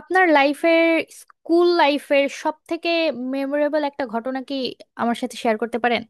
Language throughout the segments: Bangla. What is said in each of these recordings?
আপনার লাইফের স্কুল লাইফের সব থেকে মেমোরেবল একটা ঘটনা কি আমার সাথে শেয়ার করতে পারেন?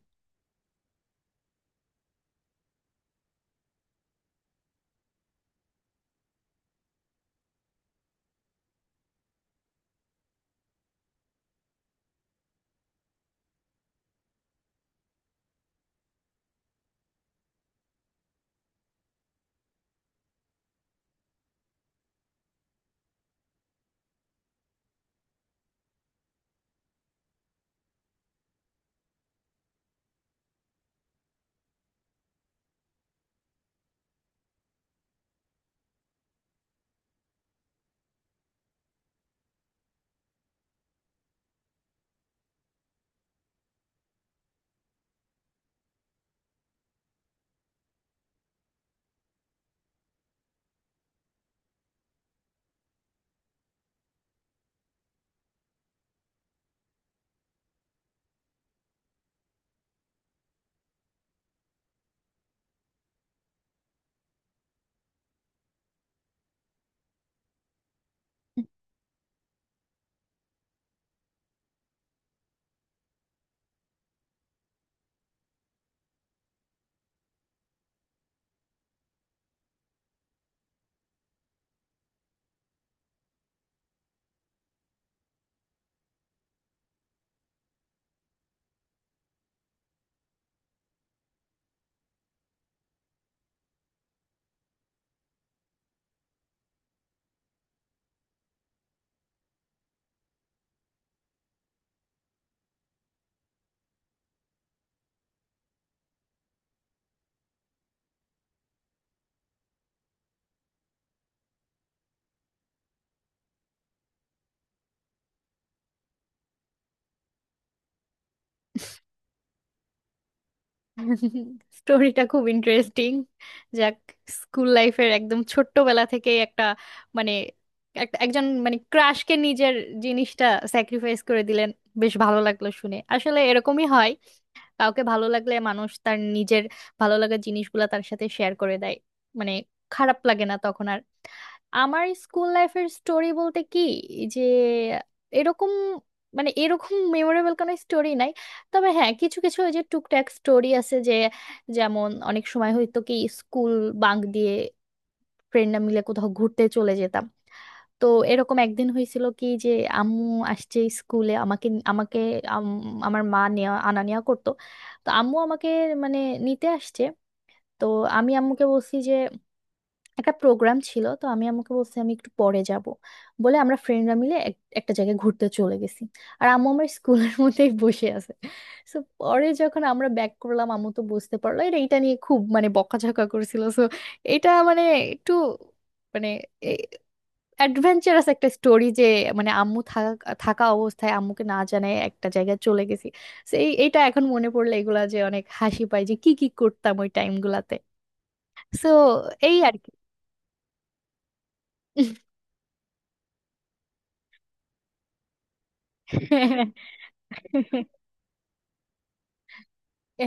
স্টোরিটা খুব ইন্টারেস্টিং। যাক, স্কুল লাইফের একদম ছোট্টবেলা থেকে একটা, মানে একজন, মানে ক্রাশকে নিজের জিনিসটা স্যাক্রিফাইস করে দিলেন। বেশ ভালো লাগলো শুনে, আসলে এরকমই হয়। কাউকে ভালো লাগলে মানুষ তার নিজের ভালো লাগার জিনিসগুলা তার সাথে শেয়ার করে দেয়, মানে খারাপ লাগে না তখন আর। আমার স্কুল লাইফের স্টোরি বলতে কি, যে এরকম, মানে এরকম মেমোরেবল কোনো স্টোরি নাই। তবে হ্যাঁ, কিছু কিছু ওই যে টুকটাক স্টোরি আছে, যে যেমন অনেক সময় হয়তো কি স্কুল বাঙ্ক দিয়ে ফ্রেন্ডরা মিলে কোথাও ঘুরতে চলে যেতাম। তো এরকম একদিন হয়েছিল কি, যে আম্মু আসছে স্কুলে আমাকে আমাকে। আমার মা নেওয়া আনা নেওয়া করতো। তো আম্মু আমাকে, মানে, নিতে আসছে। তো আমি আম্মুকে বলছি যে একটা প্রোগ্রাম ছিল, তো আমি আম্মুকে বলছি আমি একটু পরে যাব, বলে আমরা ফ্রেন্ডরা মিলে একটা জায়গায় ঘুরতে চলে গেছি। আর আম্মু আমার স্কুলের মধ্যেই বসে আছে। সো পরে যখন আমরা ব্যাক করলাম, আম্মু তো বুঝতে পারলো, এটা এটা নিয়ে খুব মানে বকাঝকা করছিল। সো এটা মানে একটু, মানে অ্যাডভেঞ্চারাস একটা স্টোরি, যে মানে আম্মু থাকা থাকা অবস্থায় আম্মুকে না জানায় একটা জায়গায় চলে গেছি। সো এটা এখন মনে পড়লে এগুলা যে অনেক হাসি পায়, যে কি কি করতাম ওই টাইমগুলাতে। সো এই আর কি।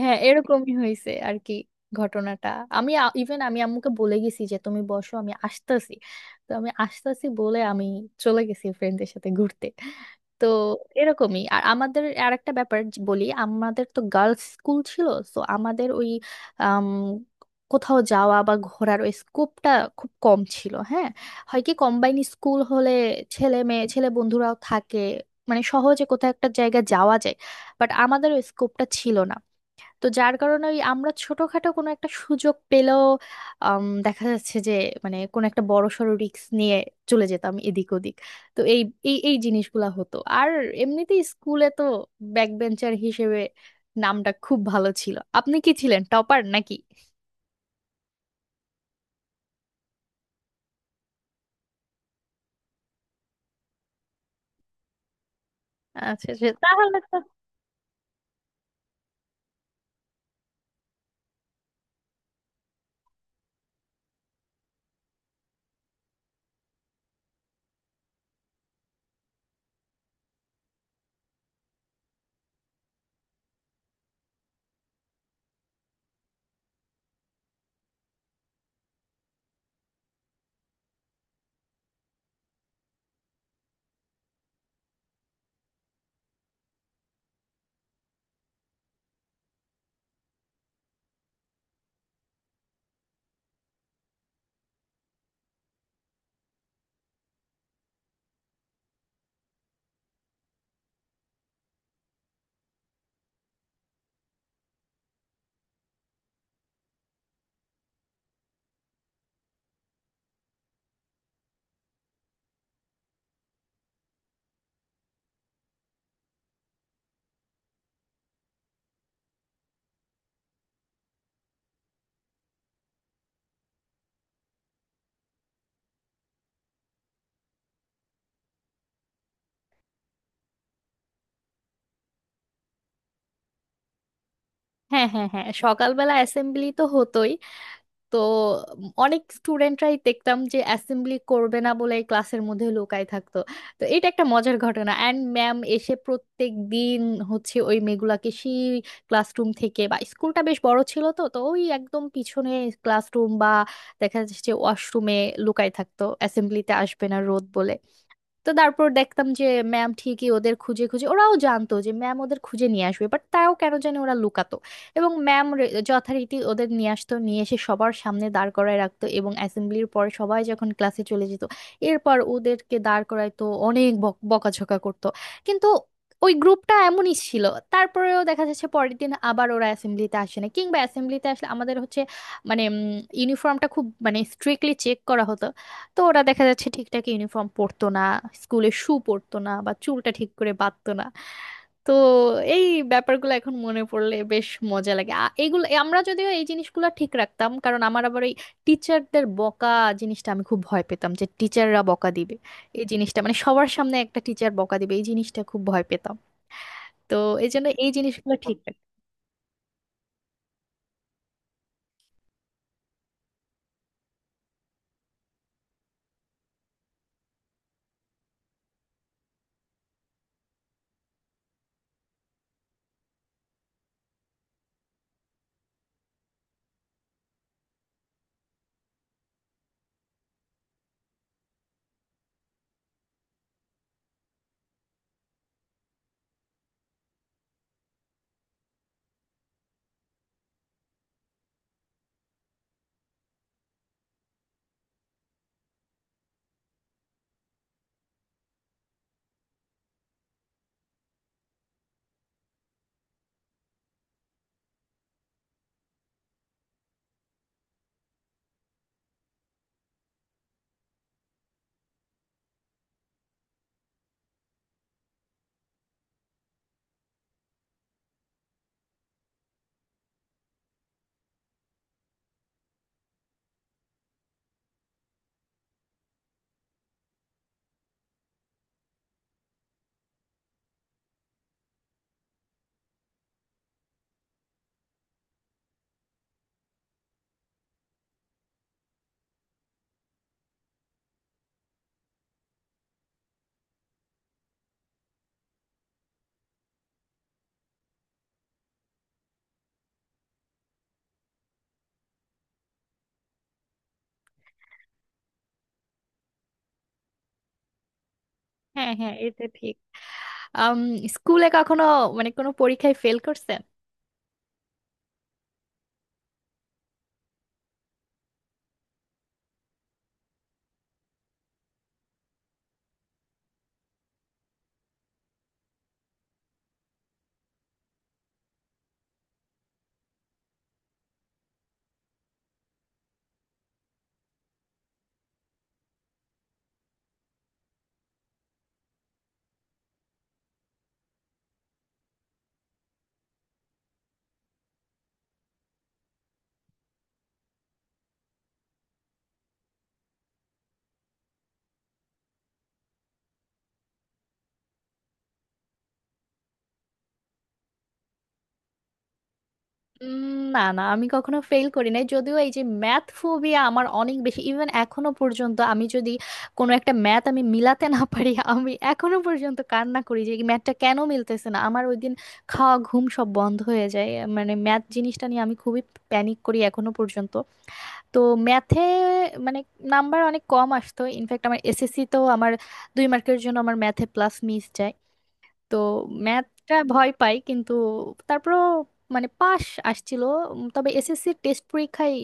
হ্যাঁ, এরকমই হয়েছে আর কি ঘটনাটা। আমি, ইভেন আমি আম্মুকে বলে গেছি যে তুমি বসো আমি আসতেছি, তো আমি আসতেছি বলে আমি চলে গেছি ফ্রেন্ডদের সাথে ঘুরতে। তো এরকমই। আর আমাদের আর একটা ব্যাপার, যে- বলি, আমাদের তো গার্লস স্কুল ছিল। তো আমাদের ওই আম, কোথাও যাওয়া বা ঘোরার ওই স্কোপটা খুব কম ছিল, হ্যাঁ। হয় কি, কম্বাইন স্কুল হলে ছেলে মেয়ে, ছেলে বন্ধুরাও থাকে, মানে সহজে কোথাও একটা জায়গা যাওয়া যায়, বাট আমাদের ওই স্কোপটা ছিল না। তো যার কারণে ওই আমরা ছোটখাটো কোনো একটা সুযোগ পেলেও, দেখা যাচ্ছে যে, মানে কোনো একটা বড়সড় রিস্ক নিয়ে চলে যেতাম এদিক ওদিক। তো এই এই এই জিনিসগুলা হতো। আর এমনিতেই স্কুলে তো ব্যাক বেঞ্চার হিসেবে নামটা খুব ভালো ছিল। আপনি কি ছিলেন টপার নাকি? আচ্ছা আচ্ছা, তাহলে তো। হ্যাঁ, হ্যাঁ, হ্যাঁ, সকালবেলা অ্যাসেম্বলি তো হতোই। তো অনেক স্টুডেন্টরাই দেখতাম যে অ্যাসেম্বলি করবে না বলে ক্লাসের মধ্যে লুকায় থাকতো। তো এটা একটা মজার ঘটনা। অ্যান্ড ম্যাম এসে প্রত্যেক দিন হচ্ছে ওই মেয়েগুলাকে সেই ক্লাসরুম থেকে বা, স্কুলটা বেশ বড় ছিল, তো তো ওই একদম পিছনে ক্লাসরুম বা দেখা যাচ্ছে যে ওয়াশরুমে লুকায় থাকতো, অ্যাসেম্বলিতে আসবে না রোদ বলে। তো তারপর দেখতাম যে ম্যাম ঠিকই ওদের খুঁজে খুঁজে, ওরাও জানতো যে ম্যাম ওদের খুঁজে নিয়ে আসবে, বাট তাও কেন জানি ওরা লুকাতো। এবং ম্যাম যথারীতি ওদের নিয়ে আসতো, নিয়ে এসে সবার সামনে দাঁড় করায় রাখতো, এবং অ্যাসেম্বলির পরে সবাই যখন ক্লাসে চলে যেত এরপর ওদেরকে দাঁড় করাইতো, অনেক বকাঝকা করতো। কিন্তু ওই গ্রুপটা এমনই ছিল, তারপরেও দেখা যাচ্ছে পরের দিন আবার ওরা অ্যাসেম্বলিতে আসে না, কিংবা অ্যাসেম্বলিতে আসলে আমাদের হচ্ছে, মানে ইউনিফর্মটা খুব মানে স্ট্রিক্টলি চেক করা হতো। তো ওরা দেখা যাচ্ছে ঠিকঠাক ইউনিফর্ম পরতো না, স্কুলে শু পরতো না বা চুলটা ঠিক করে বাঁধতো না। তো এই ব্যাপারগুলো এখন মনে পড়লে বেশ মজা লাগে, এইগুলো আমরা যদিও, এই জিনিসগুলো ঠিক রাখতাম কারণ আমার আবার ওই টিচারদের বকা জিনিসটা আমি খুব ভয় পেতাম যে টিচাররা বকা দিবে, এই জিনিসটা, মানে সবার সামনে একটা টিচার বকা দিবে এই জিনিসটা খুব ভয় পেতাম। তো এই জন্য এই জিনিসগুলো ঠিক রাখতাম। হ্যাঁ হ্যাঁ, এটা ঠিক। আম, স্কুলে কখনো, মানে কোনো পরীক্ষায় ফেল করছেন? না না, আমি কখনো ফেল করি নাই, যদিও এই যে ম্যাথ ফোবিয়া আমার অনেক বেশি, ইভেন এখনো পর্যন্ত আমি যদি কোনো একটা ম্যাথ আমি মিলাতে না পারি আমি এখনো পর্যন্ত কান্না করি যে ম্যাথটা কেন মিলতেছে না। আমার ওই দিন খাওয়া ঘুম সব বন্ধ হয়ে যায়, মানে ম্যাথ জিনিসটা নিয়ে আমি খুবই প্যানিক করি এখনো পর্যন্ত। তো ম্যাথে, মানে, নাম্বার অনেক কম আসতো। ইনফ্যাক্ট আমার এসএসসি তো আমার 2 মার্কের জন্য আমার ম্যাথে প্লাস মিস যায়। তো ম্যাথটা ভয় পাই, কিন্তু তারপরও, মানে পাস আসছিল। তবে এসএসসি টেস্ট পরীক্ষায়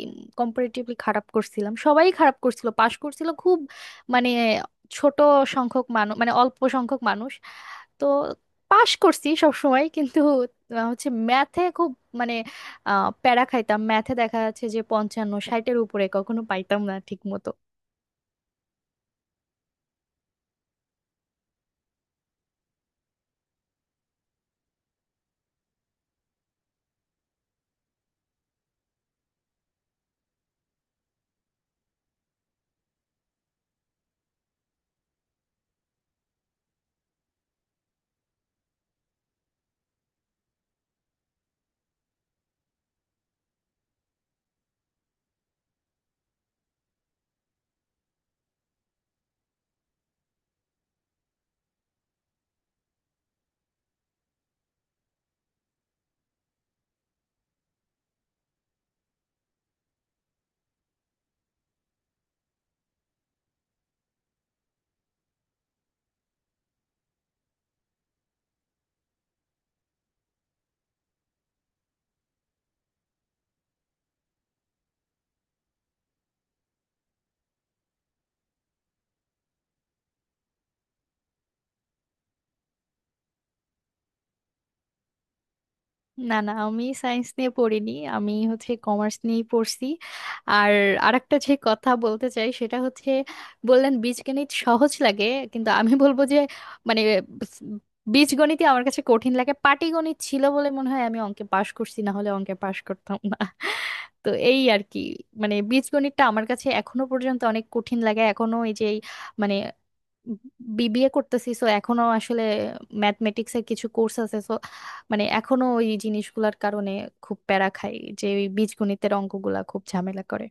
কম্পারেটিভলি খারাপ করছিলাম, সবাই খারাপ করছিল, পাশ করছিল খুব, মানে ছোট সংখ্যক মানুষ, মানে অল্প সংখ্যক মানুষ। তো পাশ করছি সব সময়, কিন্তু হচ্ছে ম্যাথে খুব, মানে প্যারা খাইতাম। ম্যাথে দেখা যাচ্ছে যে 55, 60-এর উপরে কখনো পাইতাম না ঠিক মতো। না না, আমি সায়েন্স নিয়ে পড়িনি, আমি হচ্ছে কমার্স নিয়েই পড়ছি। আর আরেকটা যে কথা বলতে চাই সেটা হচ্ছে, বললেন বীজগণিত সহজ লাগে, কিন্তু আমি বলবো যে, মানে বীজগণিতই আমার কাছে কঠিন লাগে। পাটিগণিত ছিল বলে মনে হয় আমি অঙ্কে পাশ করছি, না হলে অঙ্কে পাশ করতাম না। তো এই আর কি, মানে বীজগণিতটা আমার কাছে এখনো পর্যন্ত অনেক কঠিন লাগে এখনো, এই যে এই, মানে বিবিএ করতেছি, সো এখনো আসলে ম্যাথমেটিক্স এর কিছু কোর্স আছে, সো মানে এখনো ওই জিনিসগুলোর কারণে খুব প্যারা খাই যে ওই বীজগণিতের অঙ্কগুলা খুব ঝামেলা করে।